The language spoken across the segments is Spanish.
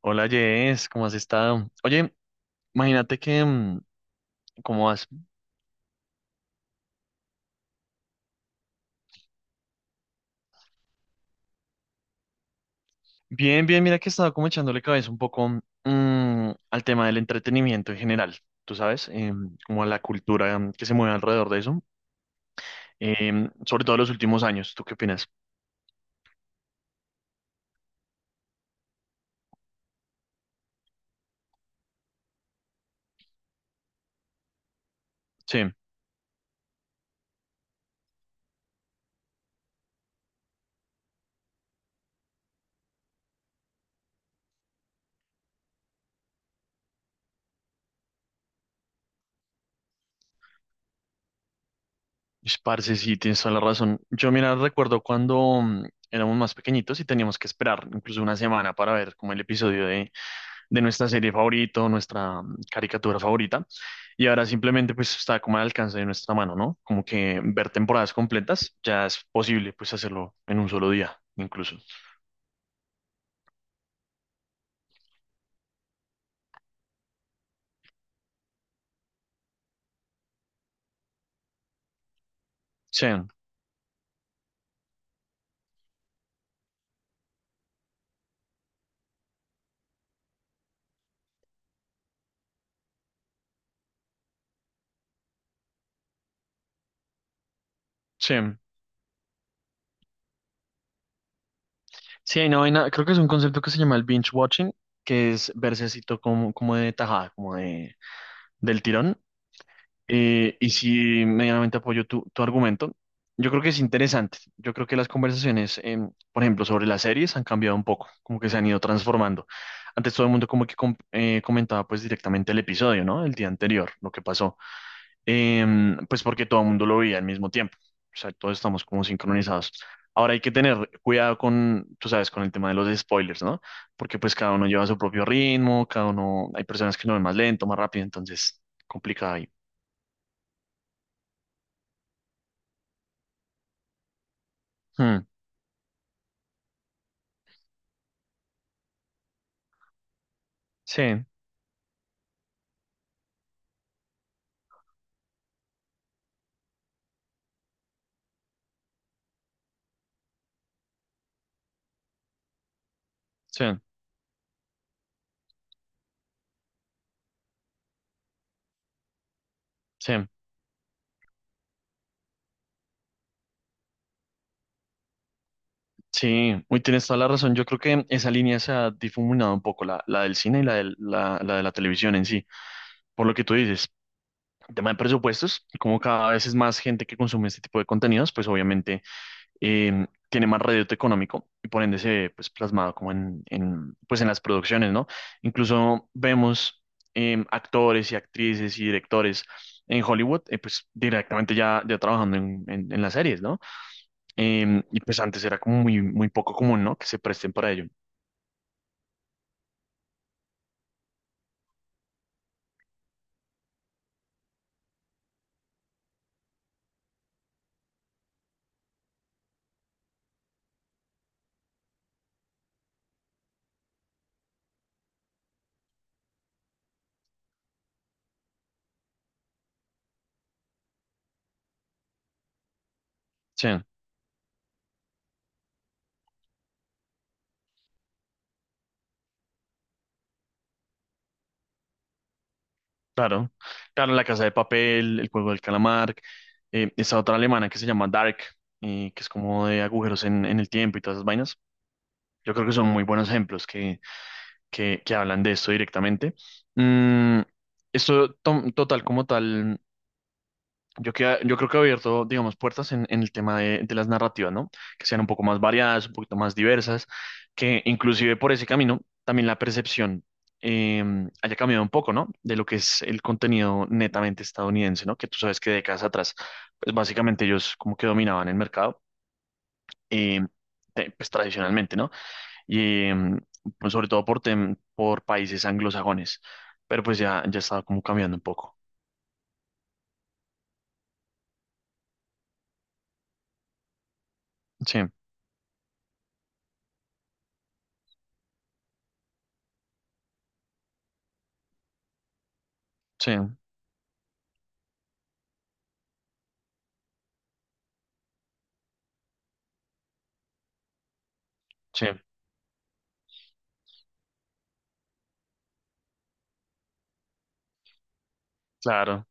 Hola Jess, ¿cómo has estado? Oye, imagínate que, ¿cómo vas? Bien, bien, mira que he estado como echándole cabeza un poco al tema del entretenimiento en general, tú sabes, como a la cultura que se mueve alrededor de eso. Em, sobre todo en los últimos años, ¿tú qué opinas? Sí, pues, parce, sí, tienes toda la razón. Yo, mira, recuerdo cuando éramos más pequeñitos y teníamos que esperar incluso una semana para ver como el episodio de nuestra serie favorita, o nuestra caricatura favorita. Y ahora simplemente pues está como al alcance de nuestra mano, ¿no? Como que ver temporadas completas ya es posible pues hacerlo en un solo día, incluso. Sí, sí. Sí, hay una vaina, creo que es un concepto que se llama el binge watching, que es verse así todo como, como de tajada, como de, del tirón. Y si medianamente apoyo tu argumento, yo creo que es interesante. Yo creo que las conversaciones, por ejemplo, sobre las series han cambiado un poco, como que se han ido transformando. Antes todo el mundo como que comentaba pues directamente el episodio, ¿no? El día anterior, lo que pasó. Em, pues porque todo el mundo lo veía al mismo tiempo. O sea, todos estamos como sincronizados. Ahora hay que tener cuidado con, tú sabes, con el tema de los spoilers, ¿no? Porque pues cada uno lleva su propio ritmo, cada uno, hay personas que lo ven más lento, más rápido, entonces complicado ahí. Hmm. Sí, sí, sí, sí. Uy, tienes toda la razón. Yo creo que esa línea se ha difuminado un poco, la del cine y la de la televisión en sí. Por lo que tú dices, el tema de presupuestos, como cada vez es más gente que consume este tipo de contenidos, pues obviamente tiene más reducto económico y por ende se ve pues, plasmado como en pues, en las producciones, ¿no? Incluso vemos actores y actrices y directores en Hollywood, pues directamente ya trabajando en las series, ¿no? Y pues antes era como muy, muy poco común, ¿no? Que se presten para ello. Sí, claro. Claro, La Casa de Papel, El Juego del Calamar, esa otra alemana que se llama Dark, que es como de agujeros en el tiempo y todas esas vainas. Yo creo que son muy buenos ejemplos que hablan de esto directamente. Mm, esto, total como tal. Yo, que, yo creo que ha abierto, digamos, puertas en el tema de las narrativas, ¿no? Que sean un poco más variadas, un poquito más diversas, que inclusive por ese camino también la percepción eh, haya cambiado un poco, ¿no? De lo que es el contenido netamente estadounidense, ¿no? Que tú sabes que décadas atrás, pues básicamente ellos como que dominaban el mercado, eh, pues tradicionalmente, ¿no? Y pues, sobre todo por, por países anglosajones, pero pues ya, ya estaba como cambiando un poco. Sí, sí, sí, claro.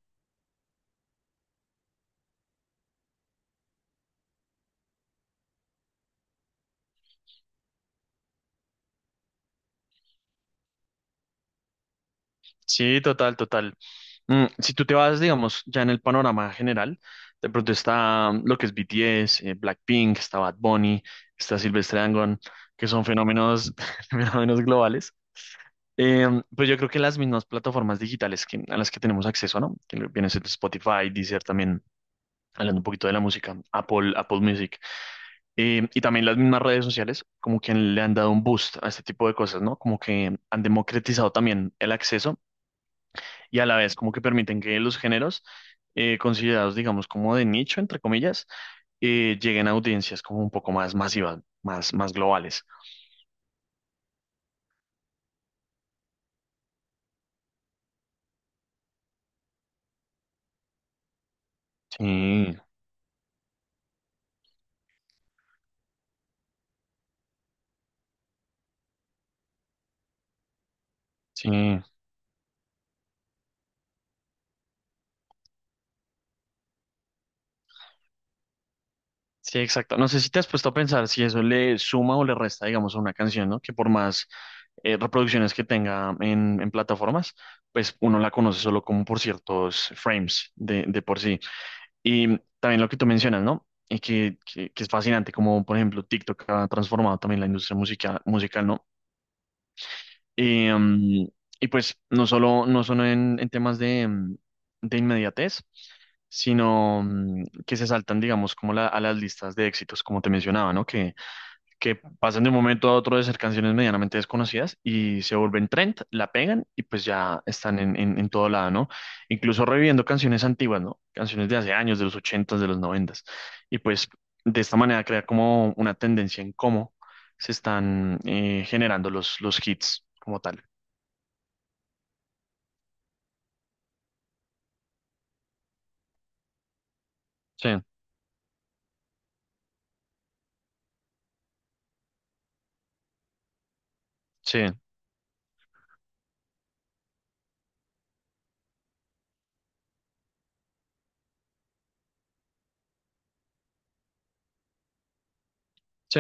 Sí, total, total. Mm, si tú te vas, digamos, ya en el panorama general, de pronto está lo que es BTS, Blackpink, está Bad Bunny, está Silvestre Dangond, que son fenómenos globales. Eh, pues yo creo que las mismas plataformas digitales que, a las que tenemos acceso, ¿no? Que viene siendo Spotify, Deezer también, hablando un poquito de la música, Apple Music, y también las mismas redes sociales, como que le han dado un boost a este tipo de cosas, ¿no? Como que han democratizado también el acceso y a la vez como que permiten que los géneros considerados, digamos, como de nicho, entre comillas, lleguen a audiencias como un poco más masivas, más, más globales. Sí, sí, sí, exacto. No sé si te has puesto a pensar si eso le suma o le resta, digamos, a una canción, ¿no? Que por más reproducciones que tenga en plataformas, pues uno la conoce solo como por ciertos frames de por sí. Y también lo que tú mencionas, ¿no? Y que es fascinante, como por ejemplo TikTok ha transformado también la industria musical, ¿no? Y, mm, y pues no solo, no solo en temas de de inmediatez, sino que se saltan, digamos, a las listas de éxitos, como te mencionaba, ¿no? Que pasan de un momento a otro de ser canciones medianamente desconocidas y se vuelven trend, la pegan y pues ya están en todo lado, ¿no? Incluso reviviendo canciones antiguas, ¿no? Canciones de hace años, de los ochentas, de los noventas. Y pues de esta manera crear como una tendencia en cómo se están generando los hits como tal. Sí, sí, sí,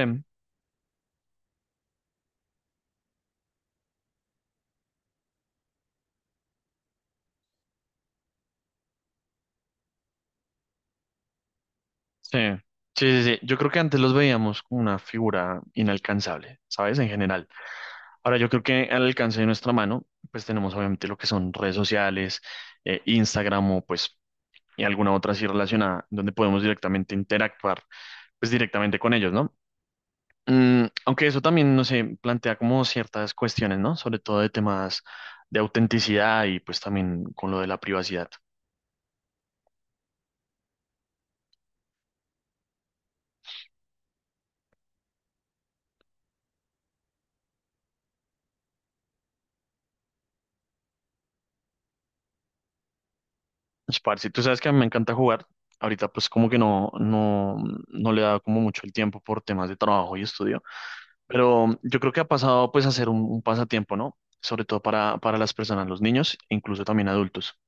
sí, sí, sí, sí. Yo creo que antes los veíamos como una figura inalcanzable, ¿sabes? En general. Ahora yo creo que al alcance de nuestra mano, pues tenemos obviamente lo que son redes sociales, Instagram o pues y alguna otra así relacionada, donde podemos directamente interactuar, pues directamente con ellos, ¿no? Mm, aunque eso también, no sé, plantea como ciertas cuestiones, ¿no? Sobre todo de temas de autenticidad y pues también con lo de la privacidad. Pues, Parce, tú sabes que a mí me encanta jugar. Ahorita pues como que no le da como mucho el tiempo por temas de trabajo y estudio. Pero yo creo que ha pasado pues a ser un pasatiempo, ¿no? Sobre todo para las personas, los niños, e incluso también adultos,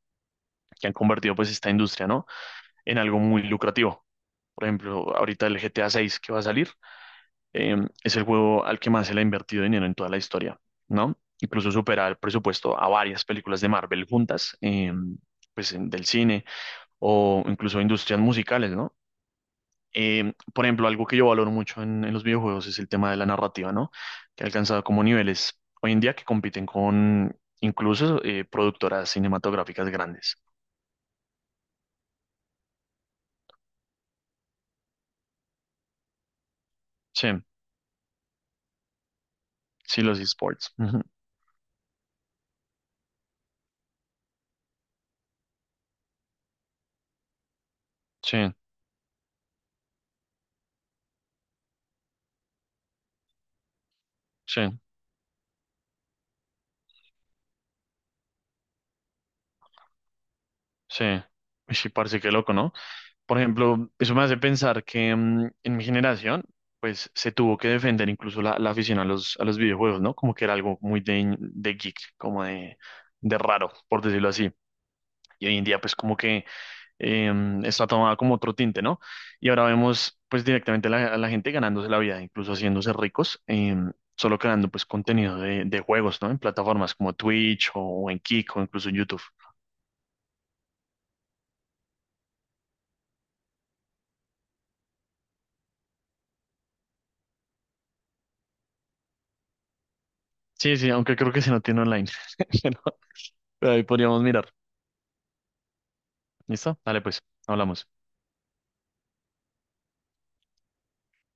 que han convertido pues esta industria, ¿no? En algo muy lucrativo. Por ejemplo, ahorita el GTA 6 que va a salir, eh, es el juego al que más se le ha invertido dinero en toda la historia, ¿no? Incluso supera el presupuesto a varias películas de Marvel juntas, pues del cine o incluso industrias musicales, ¿no? Por ejemplo, algo que yo valoro mucho en los videojuegos es el tema de la narrativa, ¿no? Que ha alcanzado como niveles hoy en día que compiten con incluso productoras cinematográficas grandes. Sí, sí, los esports. Ujú. Sí, sí, sí. Uy, sí, parece que loco, ¿no? Por ejemplo, eso me hace pensar que en mi generación, pues se tuvo que defender incluso la afición a a los videojuegos, ¿no? Como que era algo muy de geek, como de raro, por decirlo así. Y hoy en día pues como que está tomada como otro tinte, ¿no? Y ahora vemos pues directamente a a la gente ganándose la vida, incluso haciéndose ricos, solo creando pues contenido de juegos, ¿no? En plataformas como Twitch o en Kick o incluso en YouTube. Sí, sí, aunque creo que se no tiene online, pero pero ahí podríamos mirar. ¿Listo? Dale pues, hablamos.